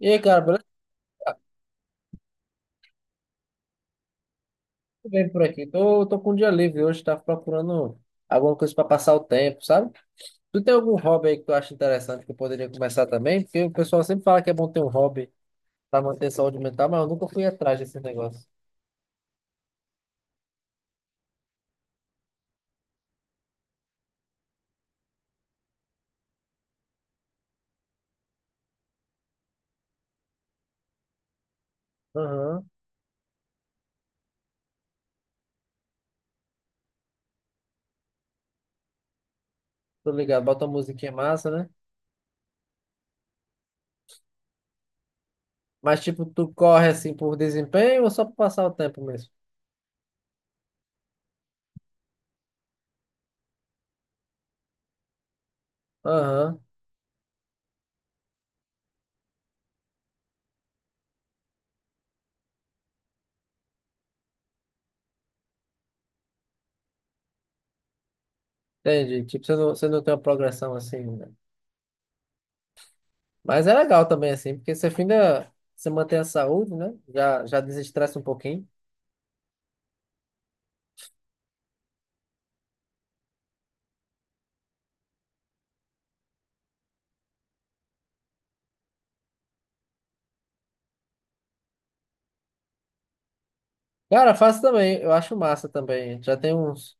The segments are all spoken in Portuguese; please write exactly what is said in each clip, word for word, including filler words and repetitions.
E aí, cara, beleza? Tudo bem por aqui? Tô, tô com um dia livre hoje, tava procurando alguma coisa pra passar o tempo, sabe? Tu tem algum hobby aí que tu acha interessante que eu poderia começar também? Porque o pessoal sempre fala que é bom ter um hobby pra manter a saúde mental, mas eu nunca fui atrás desse negócio. Aham, tô ligado, bota uma musiquinha massa, né? Mas tipo, tu corre assim por desempenho ou só pra passar o tempo mesmo? Aham, entendi. Tipo, você não, você não tem uma progressão assim, né? Mas é legal também assim, porque você finda, você mantém a saúde, né? Já, já desestressa um pouquinho. Cara, faço também. Eu acho massa também. Já tem uns,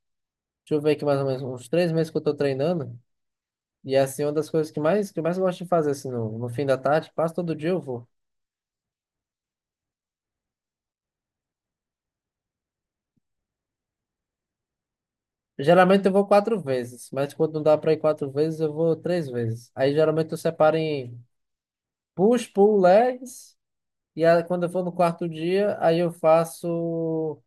deixa eu ver aqui mais ou menos, uns três meses que eu tô treinando. E é assim, uma das coisas que mais, que eu mais gosto de fazer, assim, no, no fim da tarde, quase todo dia eu vou. Geralmente eu vou quatro vezes, mas quando não dá pra ir quatro vezes, eu vou três vezes. Aí geralmente eu separo em push, pull, legs. E aí, quando eu for no quarto dia, aí eu faço,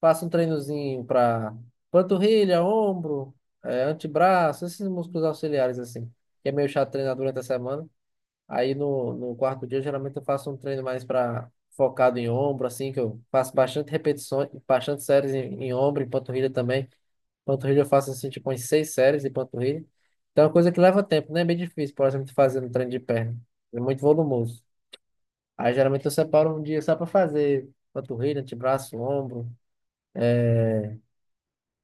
faço um treinozinho pra panturrilha, ombro, eh, antebraço, esses músculos auxiliares, assim, que é meio chato treinar durante a semana. Aí no, no quarto dia, geralmente eu faço um treino mais para focado em ombro, assim, que eu faço bastante repetições, bastante séries em, em ombro, em panturrilha também. Panturrilha eu faço assim, tipo, umas seis séries de panturrilha. Então é uma coisa que leva tempo, né? É bem difícil, por exemplo, fazer um treino de perna. É muito volumoso. Aí geralmente eu separo um dia só para fazer panturrilha, antebraço, ombro, é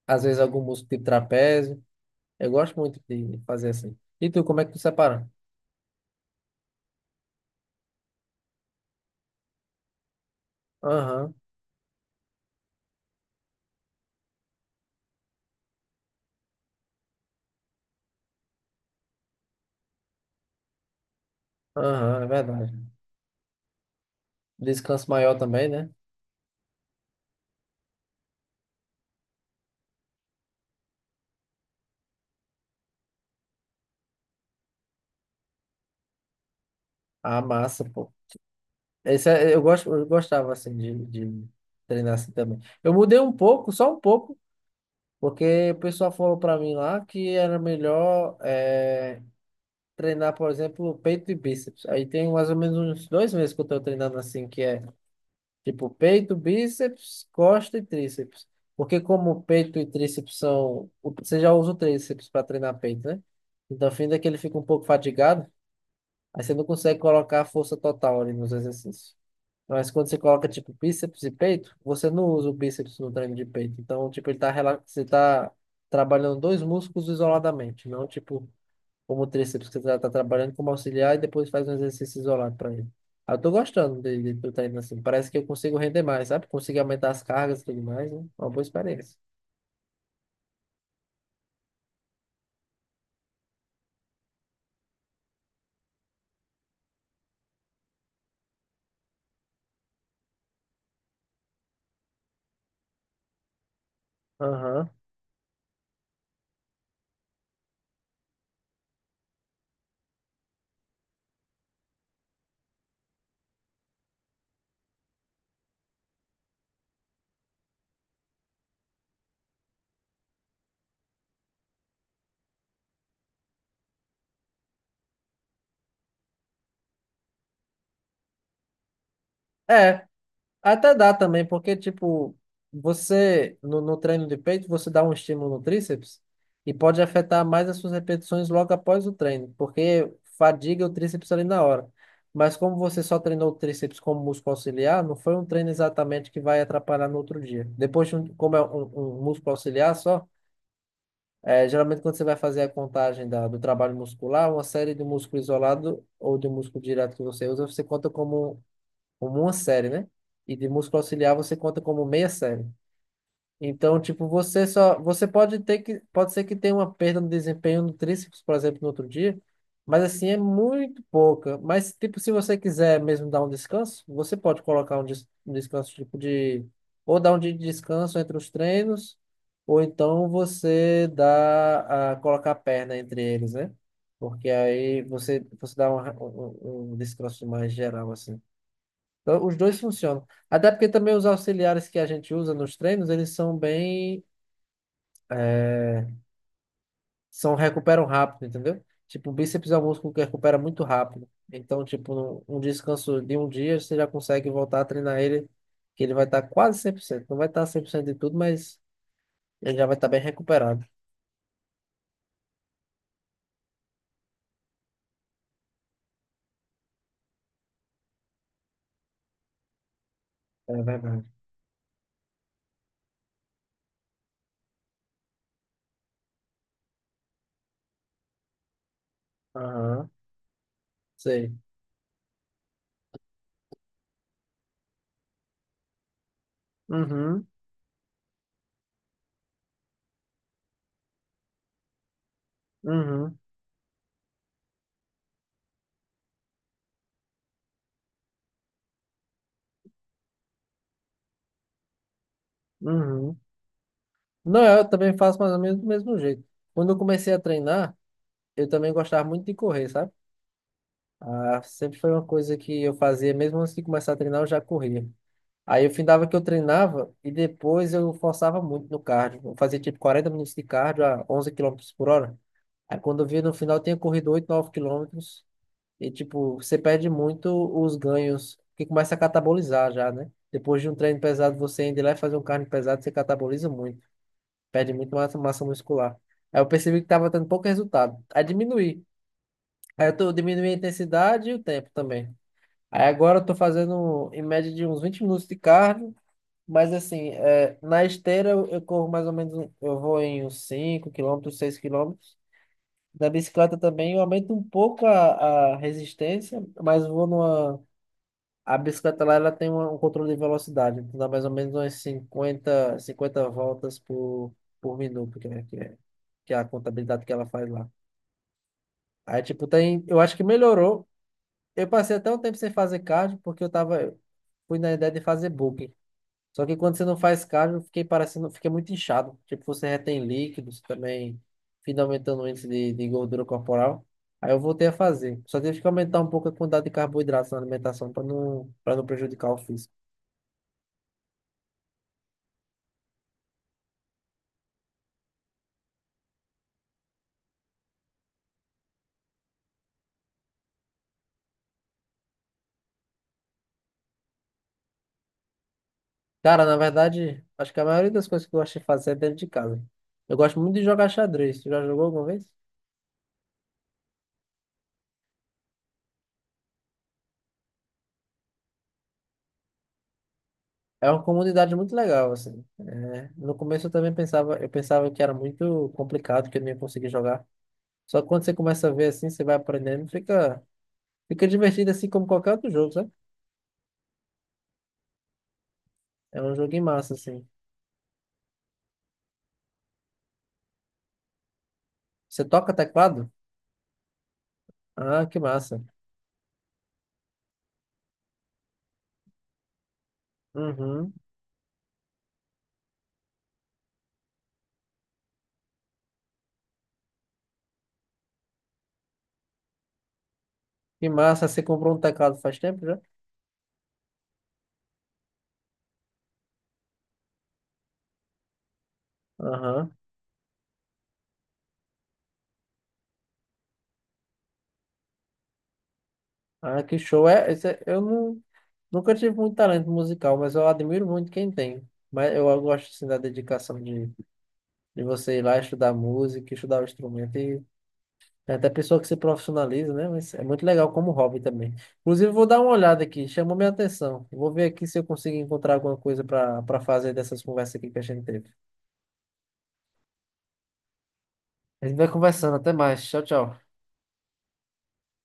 às vezes algum músculo tipo trapézio. Eu gosto muito de fazer assim. E tu, como é que tu separa? Aham, aham, é verdade. Descanso maior também, né? Ah, massa, pô. Esse é- eu gosto, eu gostava assim de, de treinar assim também. Eu mudei um pouco, só um pouco, porque o pessoal falou pra mim lá que era melhor é, treinar, por exemplo, peito e bíceps. Aí tem mais ou menos uns dois meses que eu tô treinando assim, que é tipo peito, bíceps, costa e tríceps. Porque como peito e tríceps são, você já usa o tríceps para treinar peito, né? Então, fim que ele fica um pouco fatigado, aí você não consegue colocar a força total ali nos exercícios. Mas quando você coloca, tipo, bíceps e peito, você não usa o bíceps no treino de peito. Então, tipo, ele tá, rela- você tá trabalhando dois músculos isoladamente, não, tipo, como o tríceps, que você tá, tá trabalhando como auxiliar e depois faz um exercício isolado para ele. Ah, eu tô gostando de, de, do treino assim. Parece que eu consigo render mais, sabe? Consigo aumentar as cargas e tudo mais, né? Uma boa experiência. Aham. É, até dá também, porque, tipo, você, no, no treino de peito, você dá um estímulo no tríceps e pode afetar mais as suas repetições logo após o treino, porque fadiga o tríceps ali na hora. Mas como você só treinou o tríceps como músculo auxiliar, não foi um treino exatamente que vai atrapalhar no outro dia. Depois, de um- como é um, um músculo auxiliar só, é, geralmente quando você vai fazer a contagem da, do trabalho muscular, uma série de músculo isolado ou de músculo direto que você usa, você conta como como uma série, né? E de músculo auxiliar você conta como meia série. Então, tipo, você só, você pode ter que, pode ser que tenha uma perda no desempenho no tríceps, por exemplo, no outro dia, mas assim é muito pouca. Mas tipo, se você quiser mesmo dar um descanso, você pode colocar um, des- um descanso tipo de ou dar um dia de descanso entre os treinos, ou então você dá a colocar a perna entre eles, né? Porque aí você você dá um, um, um descanso mais geral assim. Então, os dois funcionam. Até porque também os auxiliares que a gente usa nos treinos, eles são bem, é, são, recuperam rápido, entendeu? Tipo, o bíceps é um músculo que recupera muito rápido. Então, tipo, um descanso de um dia, você já consegue voltar a treinar ele, que ele vai estar quase cem por cento. Não vai estar cem por cento de tudo, mas ele já vai estar bem recuperado. É verdade. Aham, sei. Uhum, uhum, uhum. Não, eu também faço mais ou menos do mesmo jeito. Quando eu comecei a treinar, eu também gostava muito de correr, sabe? Ah, sempre foi uma coisa que eu fazia, mesmo antes de começar a treinar, eu já corria. Aí eu findava que eu treinava e depois eu forçava muito no cardio. Eu fazia tipo quarenta minutos de cardio a onze quilômetros por hora. Aí quando eu via no final, eu tinha corrido oito nove quilômetros. E tipo, você perde muito os ganhos, que começa a catabolizar já, né? Depois de um treino pesado, você ainda ir lá e fazer um cardio pesado, você cataboliza muito. Perde muito massa, massa muscular. Aí eu percebi que tava dando pouco resultado. Aí diminuí. Aí eu, tô, eu diminuí a intensidade e o tempo também. Aí agora eu tô fazendo em média de uns vinte minutos de cardio, mas assim, é, na esteira eu, eu corro mais ou menos, um- eu vou em uns cinco quilômetros, seis quilômetros. Na bicicleta também eu aumento um pouco a, a resistência, mas vou numa. A bicicleta lá, ela tem uma- um controle de velocidade, então dá mais ou menos umas cinquenta cinquenta voltas por, por minuto, que é, que é, que é a contabilidade que ela faz lá. Aí, tipo, tem. Eu acho que melhorou. Eu passei até um tempo sem fazer cardio, porque eu tava, eu fui na ideia de fazer bulking. Só que quando você não faz cardio, eu fiquei parecendo, fiquei muito inchado. Tipo, você retém líquidos também, fica aumentando o índice de, de gordura corporal. Aí eu voltei a fazer. Só tive que aumentar um pouco a quantidade de carboidratos na alimentação para não, para não prejudicar o físico. Cara, na verdade, acho que a maioria das coisas que eu gosto de fazer é dentro de casa. Eu gosto muito de jogar xadrez. Tu já jogou alguma vez? É uma comunidade muito legal, assim. É, no começo eu também pensava, eu pensava que era muito complicado, que eu não ia conseguir jogar. Só que quando você começa a ver assim, você vai aprendendo, fica, fica divertido assim como qualquer outro jogo, sabe? É um jogo em massa, assim. Você toca teclado? Ah, que massa. Uhum. Que massa, você comprou um teclado faz tempo já? Aham. Ah, que show. É, esse é- eu não, nunca tive muito talento musical, mas eu admiro muito quem tem. Mas eu gosto assim da dedicação de, de você ir lá estudar música, estudar o instrumento. É da pessoa que se profissionaliza, né? Mas é muito legal como hobby também. Inclusive, vou dar uma olhada aqui, chamou minha atenção. Vou ver aqui se eu consigo encontrar alguma coisa para para fazer dessas conversas aqui que a gente teve. A gente vai conversando, até mais. Tchau, tchau.